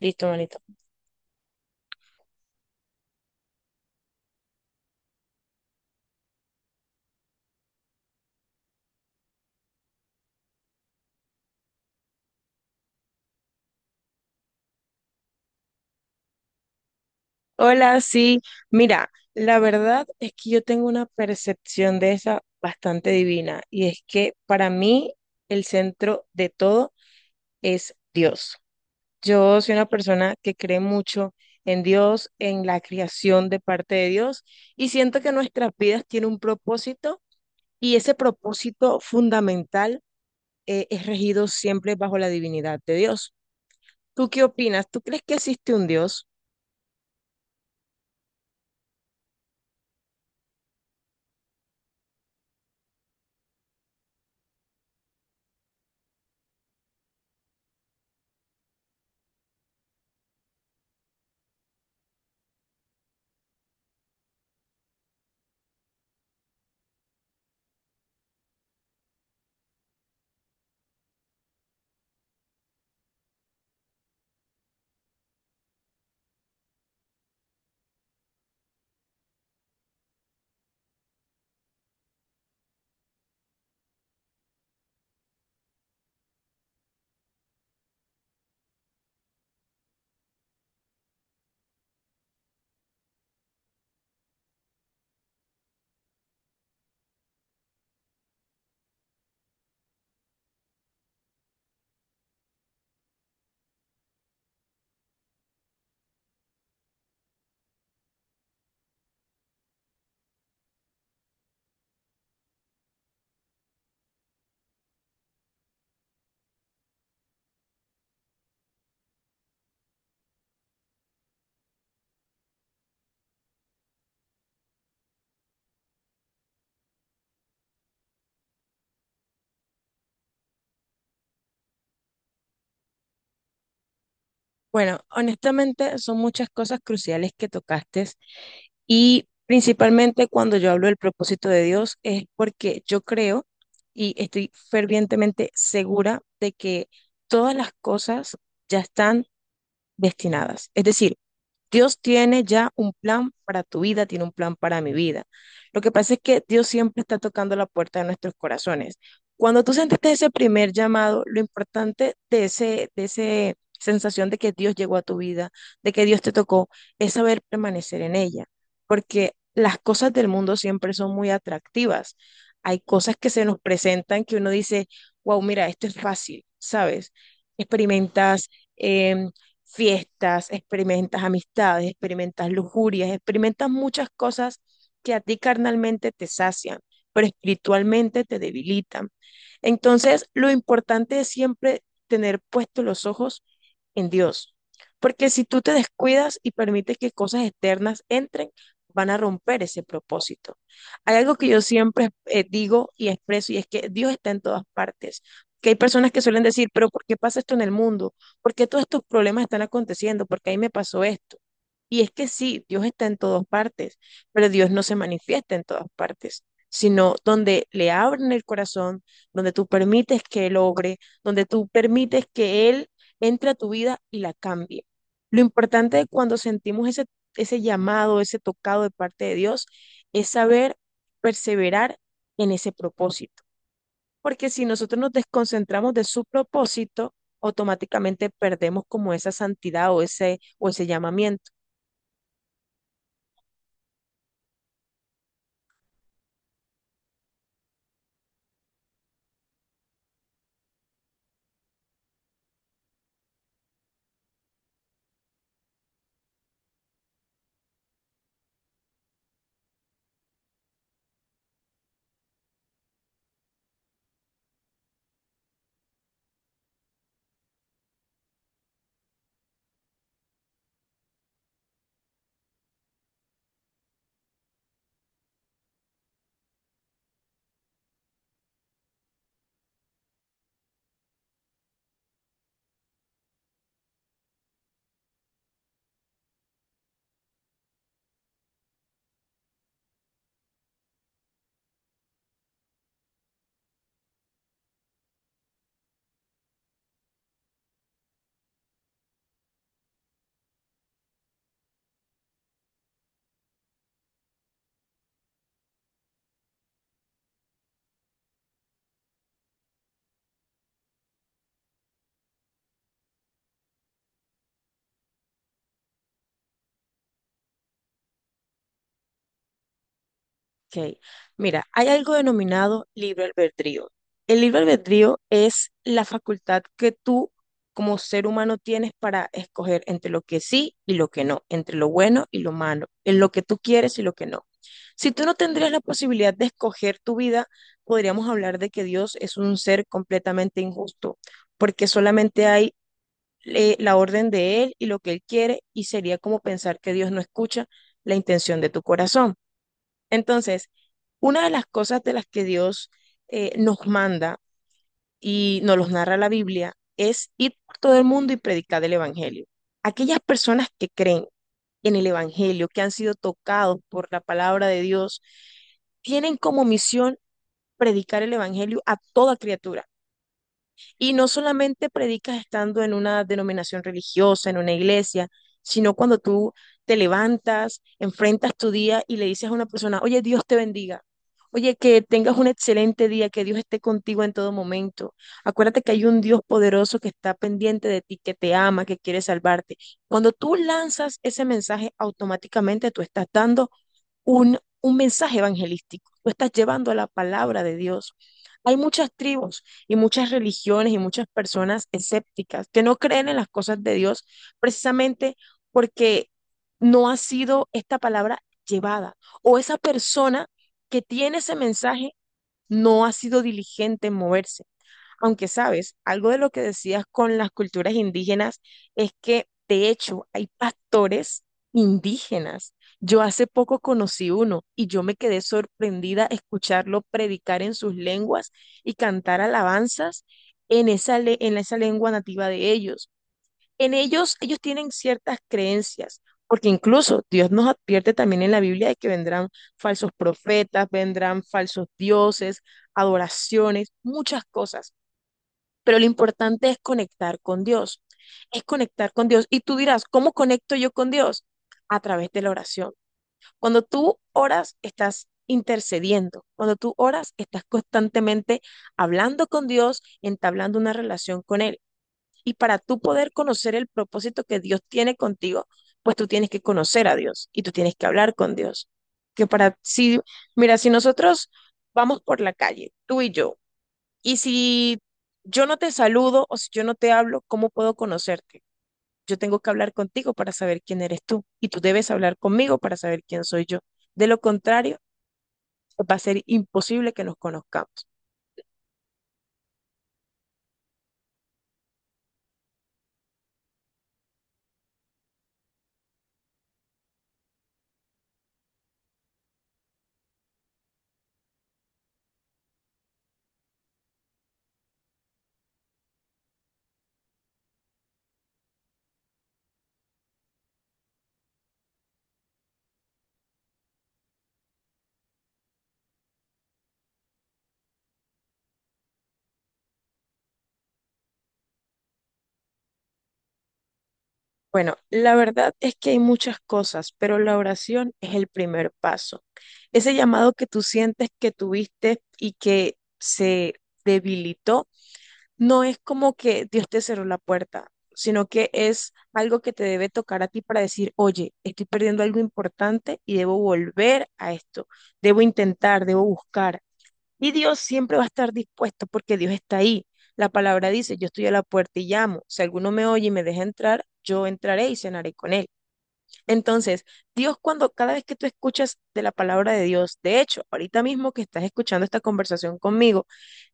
Listo, manito. Hola, sí. Mira, la verdad es que yo tengo una percepción de esa bastante divina y es que para mí el centro de todo es Dios. Yo soy una persona que cree mucho en Dios, en la creación de parte de Dios y siento que nuestras vidas tienen un propósito y ese propósito fundamental es regido siempre bajo la divinidad de Dios. ¿Tú qué opinas? ¿Tú crees que existe un Dios? Bueno, honestamente son muchas cosas cruciales que tocaste y principalmente cuando yo hablo del propósito de Dios es porque yo creo y estoy fervientemente segura de que todas las cosas ya están destinadas. Es decir, Dios tiene ya un plan para tu vida, tiene un plan para mi vida. Lo que pasa es que Dios siempre está tocando la puerta de nuestros corazones. Cuando tú sentiste ese primer llamado, lo importante de ese sensación de que Dios llegó a tu vida, de que Dios te tocó, es saber permanecer en ella, porque las cosas del mundo siempre son muy atractivas. Hay cosas que se nos presentan que uno dice, wow, mira, esto es fácil, ¿sabes? Experimentas em, fiestas, experimentas amistades, experimentas lujurias, experimentas muchas cosas que a ti carnalmente te sacian, pero espiritualmente te debilitan. Entonces, lo importante es siempre tener puestos los ojos en Dios. Porque si tú te descuidas y permites que cosas externas entren, van a romper ese propósito. Hay algo que yo siempre digo y expreso y es que Dios está en todas partes. Que hay personas que suelen decir, pero ¿por qué pasa esto en el mundo? ¿Por qué todos estos problemas están aconteciendo? ¿Por qué ahí me pasó esto? Y es que sí, Dios está en todas partes, pero Dios no se manifiesta en todas partes, sino donde le abren el corazón, donde tú permites que él logre, donde tú permites que Él entre a tu vida y la cambie. Lo importante de cuando sentimos ese llamado, ese tocado de parte de Dios, es saber perseverar en ese propósito. Porque si nosotros nos desconcentramos de su propósito, automáticamente perdemos como esa santidad o ese llamamiento. Ok, mira, hay algo denominado libre albedrío. El libre albedrío es la facultad que tú como ser humano tienes para escoger entre lo que sí y lo que no, entre lo bueno y lo malo, en lo que tú quieres y lo que no. Si tú no tendrías la posibilidad de escoger tu vida, podríamos hablar de que Dios es un ser completamente injusto, porque solamente hay la orden de Él y lo que Él quiere, y sería como pensar que Dios no escucha la intención de tu corazón. Entonces, una de las cosas de las que Dios nos manda y nos los narra la Biblia es ir por todo el mundo y predicar el Evangelio. Aquellas personas que creen en el Evangelio, que han sido tocados por la palabra de Dios, tienen como misión predicar el Evangelio a toda criatura y no solamente predicas estando en una denominación religiosa, en una iglesia, sino cuando tú te levantas, enfrentas tu día y le dices a una persona, oye, Dios te bendiga. Oye, que tengas un excelente día, que Dios esté contigo en todo momento. Acuérdate que hay un Dios poderoso que está pendiente de ti, que te ama, que quiere salvarte. Cuando tú lanzas ese mensaje, automáticamente tú estás dando un mensaje evangelístico, tú estás llevando la palabra de Dios. Hay muchas tribus y muchas religiones y muchas personas escépticas que no creen en las cosas de Dios precisamente porque no ha sido esta palabra llevada o esa persona que tiene ese mensaje no ha sido diligente en moverse. Aunque sabes, algo de lo que decías con las culturas indígenas es que, de hecho, hay pastores indígenas. Yo hace poco conocí uno y yo me quedé sorprendida escucharlo predicar en sus lenguas y cantar alabanzas en en esa lengua nativa de ellos. En ellos, ellos tienen ciertas creencias, porque incluso Dios nos advierte también en la Biblia de que vendrán falsos profetas, vendrán falsos dioses, adoraciones, muchas cosas pero lo importante es conectar con Dios, es conectar con Dios. Y tú dirás, ¿cómo conecto yo con Dios? A través de la oración. Cuando tú oras, estás intercediendo. Cuando tú oras, estás constantemente hablando con Dios, entablando una relación con Él. Y para tú poder conocer el propósito que Dios tiene contigo, pues tú tienes que conocer a Dios y tú tienes que hablar con Dios. Que para si, mira, si nosotros vamos por la calle, tú y yo, y si yo no te saludo o si yo no te hablo, ¿cómo puedo conocerte? Yo tengo que hablar contigo para saber quién eres tú y tú debes hablar conmigo para saber quién soy yo. De lo contrario, va a ser imposible que nos conozcamos. Bueno, la verdad es que hay muchas cosas, pero la oración es el primer paso. Ese llamado que tú sientes que tuviste y que se debilitó, no es como que Dios te cerró la puerta, sino que es algo que te debe tocar a ti para decir, oye, estoy perdiendo algo importante y debo volver a esto, debo intentar, debo buscar. Y Dios siempre va a estar dispuesto porque Dios está ahí. La palabra dice, yo estoy a la puerta y llamo. Si alguno me oye y me deja entrar, yo entraré y cenaré con él. Entonces, Dios cuando cada vez que tú escuchas de la palabra de Dios, de hecho, ahorita mismo que estás escuchando esta conversación conmigo,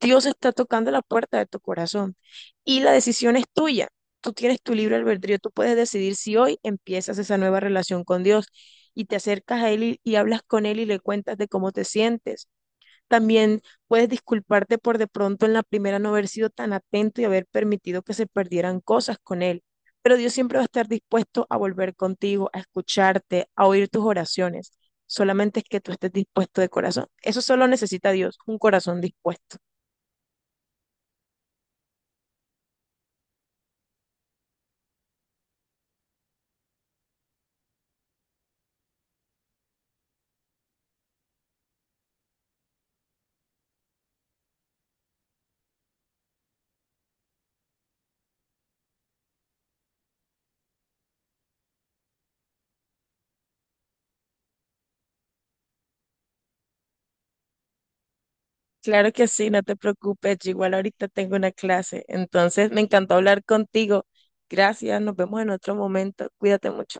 Dios está tocando la puerta de tu corazón y la decisión es tuya. Tú tienes tu libre albedrío, tú puedes decidir si hoy empiezas esa nueva relación con Dios y te acercas a Él y hablas con Él y le cuentas de cómo te sientes también puedes disculparte por de pronto en la primera no haber sido tan atento y haber permitido que se perdieran cosas con Él. Pero Dios siempre va a estar dispuesto a volver contigo, a escucharte, a oír tus oraciones. Solamente es que tú estés dispuesto de corazón. Eso solo necesita Dios, un corazón dispuesto. Claro que sí, no te preocupes. Yo igual ahorita tengo una clase. Entonces, me encantó hablar contigo. Gracias, nos vemos en otro momento. Cuídate mucho.